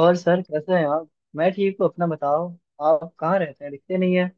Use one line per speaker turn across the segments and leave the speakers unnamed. और सर कैसे हैं आप? मैं ठीक हूँ, अपना बताओ। आप कहाँ रहते हैं? दिखते नहीं है।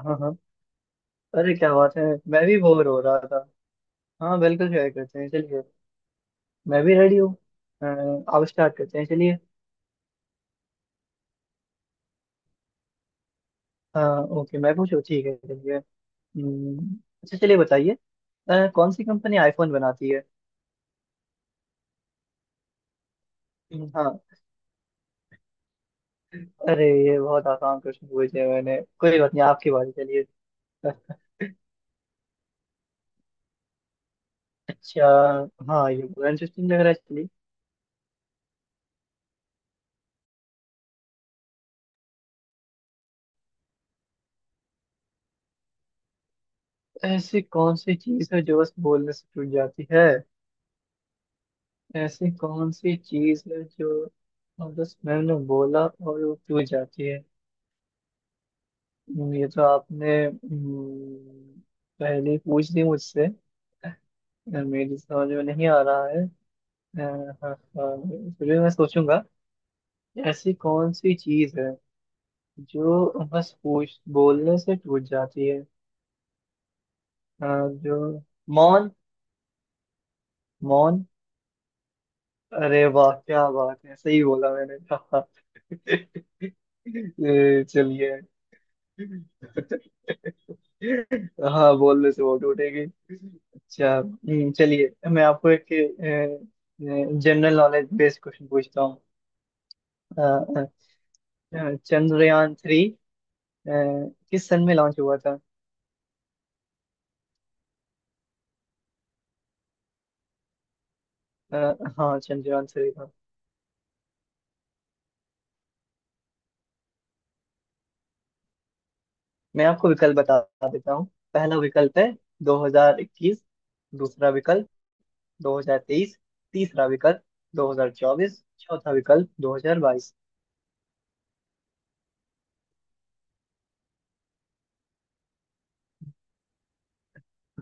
हाँ, हाँ। अरे, क्या बात है। मैं भी बोर हो रहा था। हाँ, बिल्कुल शेयर करते हैं, चलिए। मैं भी रेडी हूँ। अ, आप स्टार्ट करते हैं, चलिए। हाँ, ओके, मैं पूछूँ, ठीक है, चलिए। हम्म, अच्छा, चलिए, बताइए। कौन सी कंपनी आईफोन बनाती है? हाँ। अरे, ये बहुत आसान क्वेश्चन पूछ लिया मैंने, कोई बात नहीं, आपकी बारी, चलिए। अच्छा। हाँ, ये इंटरेस्टिंग लग रहा है, चलिए। ऐसी कौन सी चीज है जो बस बोलने से टूट जाती है? ऐसी कौन सी चीज है जो, और बस मैंने बोला और वो टूट जाती है? ये तो आपने पहले ही पूछ ली मुझसे। मेरी समझ में नहीं आ रहा है। हाँ, हाँ, फिर भी मैं सोचूंगा। ऐसी कौन सी चीज है जो बस पूछ बोलने से टूट जाती है? अ, जो मौन। मौन। अरे वाह, क्या बात है, सही बोला मैंने। चलिए। हाँ, बोलने से वोट उठेगी। अच्छा, चलिए, मैं आपको एक जनरल नॉलेज बेस्ड क्वेश्चन पूछता हूँ। अ, अ, चंद्रयान 3 किस सन में लॉन्च हुआ था? हाँ, चंद्रयान 3 था। मैं आपको विकल्प बता देता हूँ। पहला विकल्प है 2021, दूसरा विकल्प 2023, तीसरा विकल्प 2024, चौथा विकल्प 2022।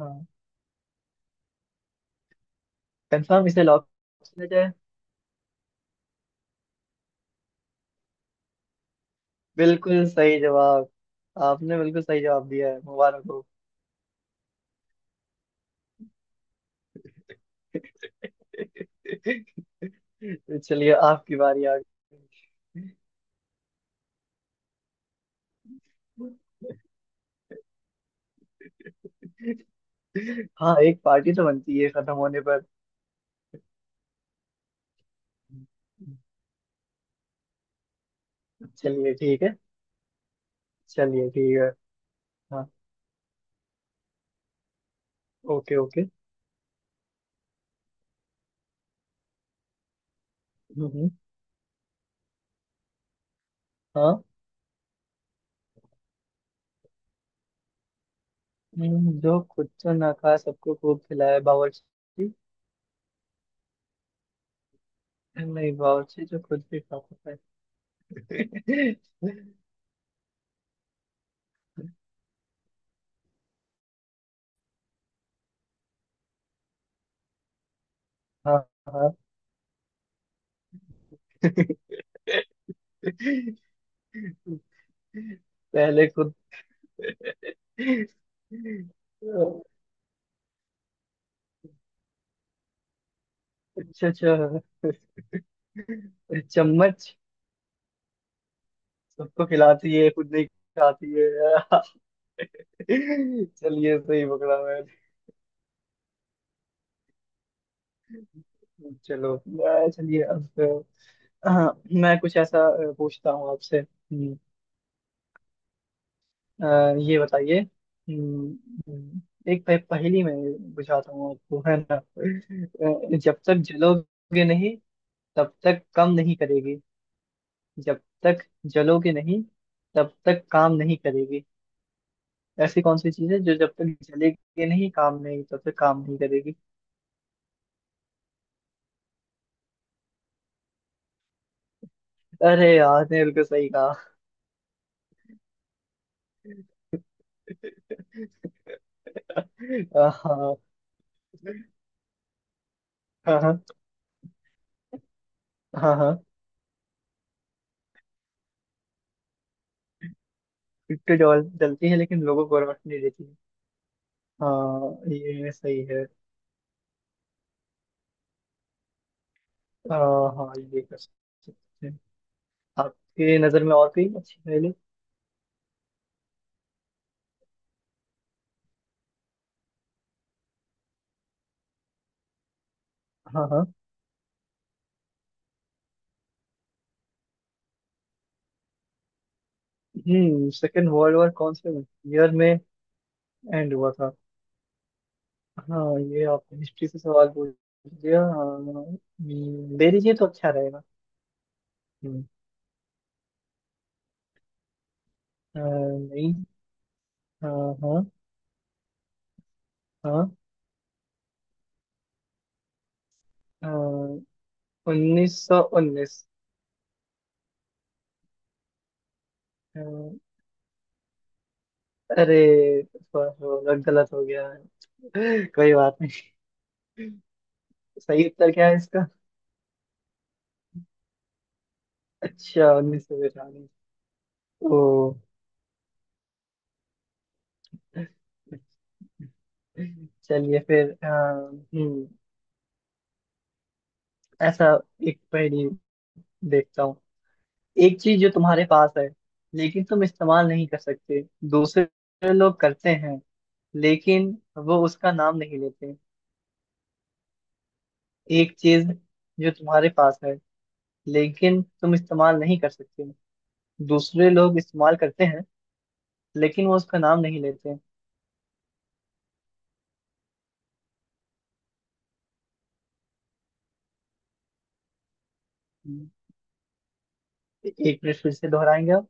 हाँ, कंफर्म इसे लॉक किया जाए। बिल्कुल सही जवाब। आपने बिल्कुल सही जवाब दिया है, मुबारक हो। चलिए, आपकी बारी आ गई। हाँ, एक पार्टी तो बनती है खत्म होने पर। चलिए, ठीक है। चलिए, ठीक है। हाँ, ओके, ओके। हम्म, हाँ। जो खुद तो ना खा सबको खूब खिलाए, बावर्ची। नहीं, बावर्ची जो खुद भी खा सकता है। हाँ, हाँ। पहले खुद। अच्छा, अच्छा। चम्मच। सबको खिलाती है, खुद नहीं खाती है। चलिए, सही पकड़ा मैंने। चलो, चलिए अब, हाँ, मैं कुछ ऐसा पूछता हूँ आपसे। ये बताइए। हम्म, हम्म, एक पहेली में बुझाता हूँ आपको, है ना। जब तक जलोगे नहीं तब तक काम नहीं करेगी। जब तक जलोगे नहीं तब तक काम नहीं करेगी। ऐसी कौन सी चीज है जो जब तक जलेगी नहीं, काम नहीं, तब तक काम नहीं करेगी? अरे, यार ने बिल्कुल सही कहा। हाँ, हाँ, हाँ, हाँ, हाँ। इतनी जल जलती है, लेकिन लोगों को रोशनी नहीं देती। हाँ, ये सही है। हाँ, हाँ, ये कर सकते हैं। आपकी नजर में और कोई अच्छी पहेली? हाँ, हाँ। सेकेंड वर्ल्ड वॉर कौन से ईयर में एंड हुआ था? हाँ, ये आपने हिस्ट्री से सवाल पूछ दिया। हाँ, दे दीजिए तो अच्छा रहेगा। हम्म, नहीं। हाँ। हाँ। हाँ। हाँ। 1919। अरे, थोड़ा थोड़ा गलत हो गया है। कोई बात नहीं। सही उत्तर क्या है इसका? अच्छा, 1992। ओ। चलिए फिर, ऐसा एक पहेली देखता हूँ। एक चीज जो तुम्हारे पास है, लेकिन तुम इस्तेमाल नहीं कर सकते। दूसरे लोग करते हैं, लेकिन वो उसका नाम नहीं लेते। एक चीज जो तुम्हारे पास है, लेकिन तुम इस्तेमाल नहीं कर सकते। दूसरे लोग इस्तेमाल करते हैं, लेकिन वो उसका नाम नहीं लेते हैं। एक मिनट, फिर से दोहराएंगे आप?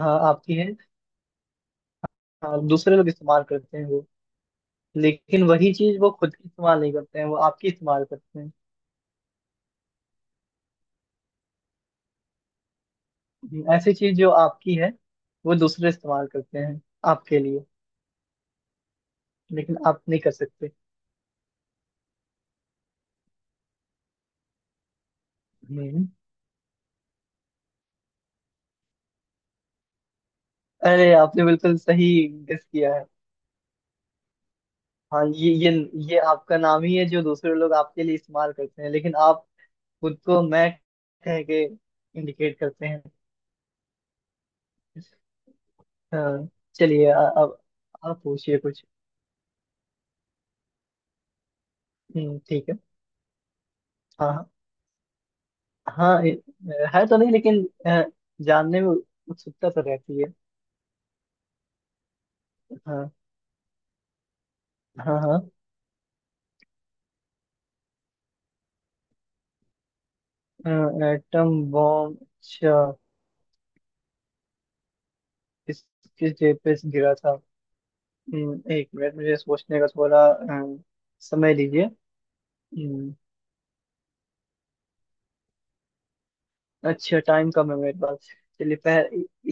हाँ, आपकी है। हाँ, दूसरे लोग इस्तेमाल करते हैं वो। लेकिन वही चीज वो खुद इस्तेमाल नहीं करते हैं, वो आपकी इस्तेमाल करते हैं। ऐसी चीज जो आपकी है, वो दूसरे इस्तेमाल करते हैं आपके लिए, लेकिन आप नहीं कर सकते। हम्म। अरे, आपने बिल्कुल सही गेस किया है। हाँ, ये आपका नाम ही है, जो दूसरे लोग आपके लिए इस्तेमाल करते हैं, लेकिन आप खुद को मैं कह के इंडिकेट करते हैं। अ, चलिए, अब आप पूछिए कुछ। ठीक है। हाँ, हाँ। हाँ, है तो नहीं, लेकिन जानने में उत्सुकता तो रहती है। हाँ। हाँ, हाँ। एटम बॉम्ब, अच्छा। किस किस डे पे गिरा था? एक मिनट, मुझे सोचने का थोड़ा समय दीजिए। हम्म। अच्छा, टाइम कम है मेरे पास। चलिए,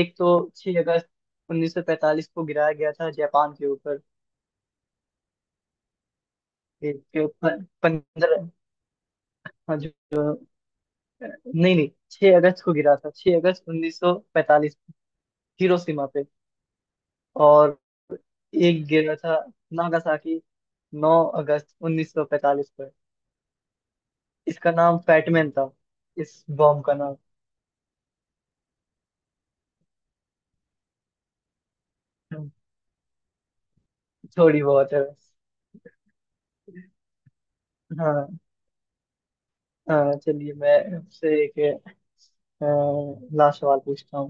एक तो 6 अगस्त 1945 को गिराया गया था जापान के ऊपर। एक 15। हाँ, जो जो- नहीं, नहीं, 6 अगस्त को गिरा था, 6 अगस्त 1945 को, हिरोशिमा पे। और एक गिरा था नागासाकी, 9 अगस्त 1945 पर। इसका नाम फैटमैन था, इस बॉम्ब का नाम। थोड़ी बहुत है बस। हाँ, चलिए, मैं आपसे एक अ, लास्ट सवाल पूछता हूँ।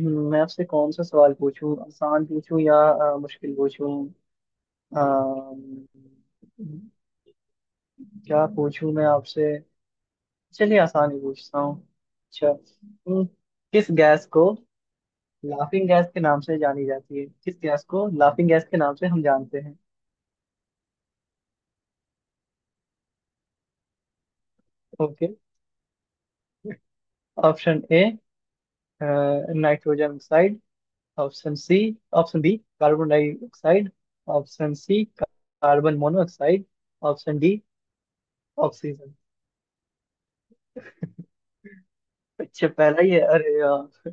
मैं आपसे कौन सा सवाल पूछूं, आसान पूछूं या मुश्किल पूछूं? अम्म, क्या पूछूं मैं आपसे? चलिए, आसान ही पूछता हूँ, अच्छा। किस गैस को लाफिंग गैस के नाम से जानी जाती है, किस गैस को लाफिंग गैस के नाम से हम जानते हैं? Okay. Option A. Nitrogen oxide. Option C. Option B carbon dioxide. Option C carbon monoxide. Option D oxygen. अच्छा, पहला ही है, अरे यार।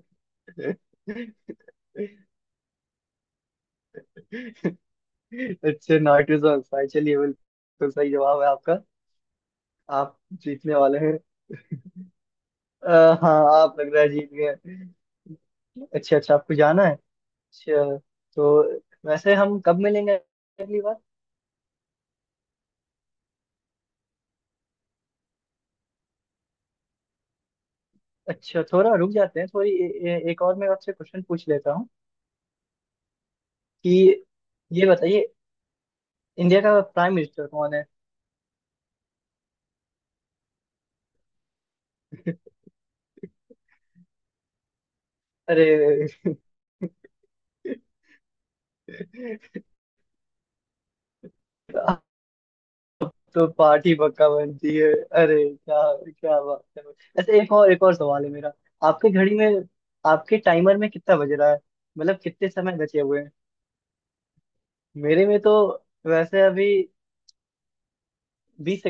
अच्छा, नाइट्रोजन ऑक्साइड। चलिए, बिल्कुल सही जवाब है आपका। आप जीतने वाले हैं। हाँ, आप लग रहा है जीत गए। अच्छा, अच्छा, आपको जाना है। अच्छा। तो वैसे हम कब मिलेंगे अगली बार? अच्छा, थोड़ा रुक जाते हैं, थोड़ी ए, ए, एक और मैं आपसे क्वेश्चन पूछ लेता हूँ। कि ये बताइए। इंडिया का प्राइम मिनिस्टर कौन है? अरे। आप तो पार्टी पक्का बनती है। अरे, क्या क्या बात है। ऐसे एक और सवाल है मेरा। आपके घड़ी में, आपके टाइमर में कितना बज रहा है? मतलब कितने समय बचे हुए हैं? मेरे में तो वैसे अभी 20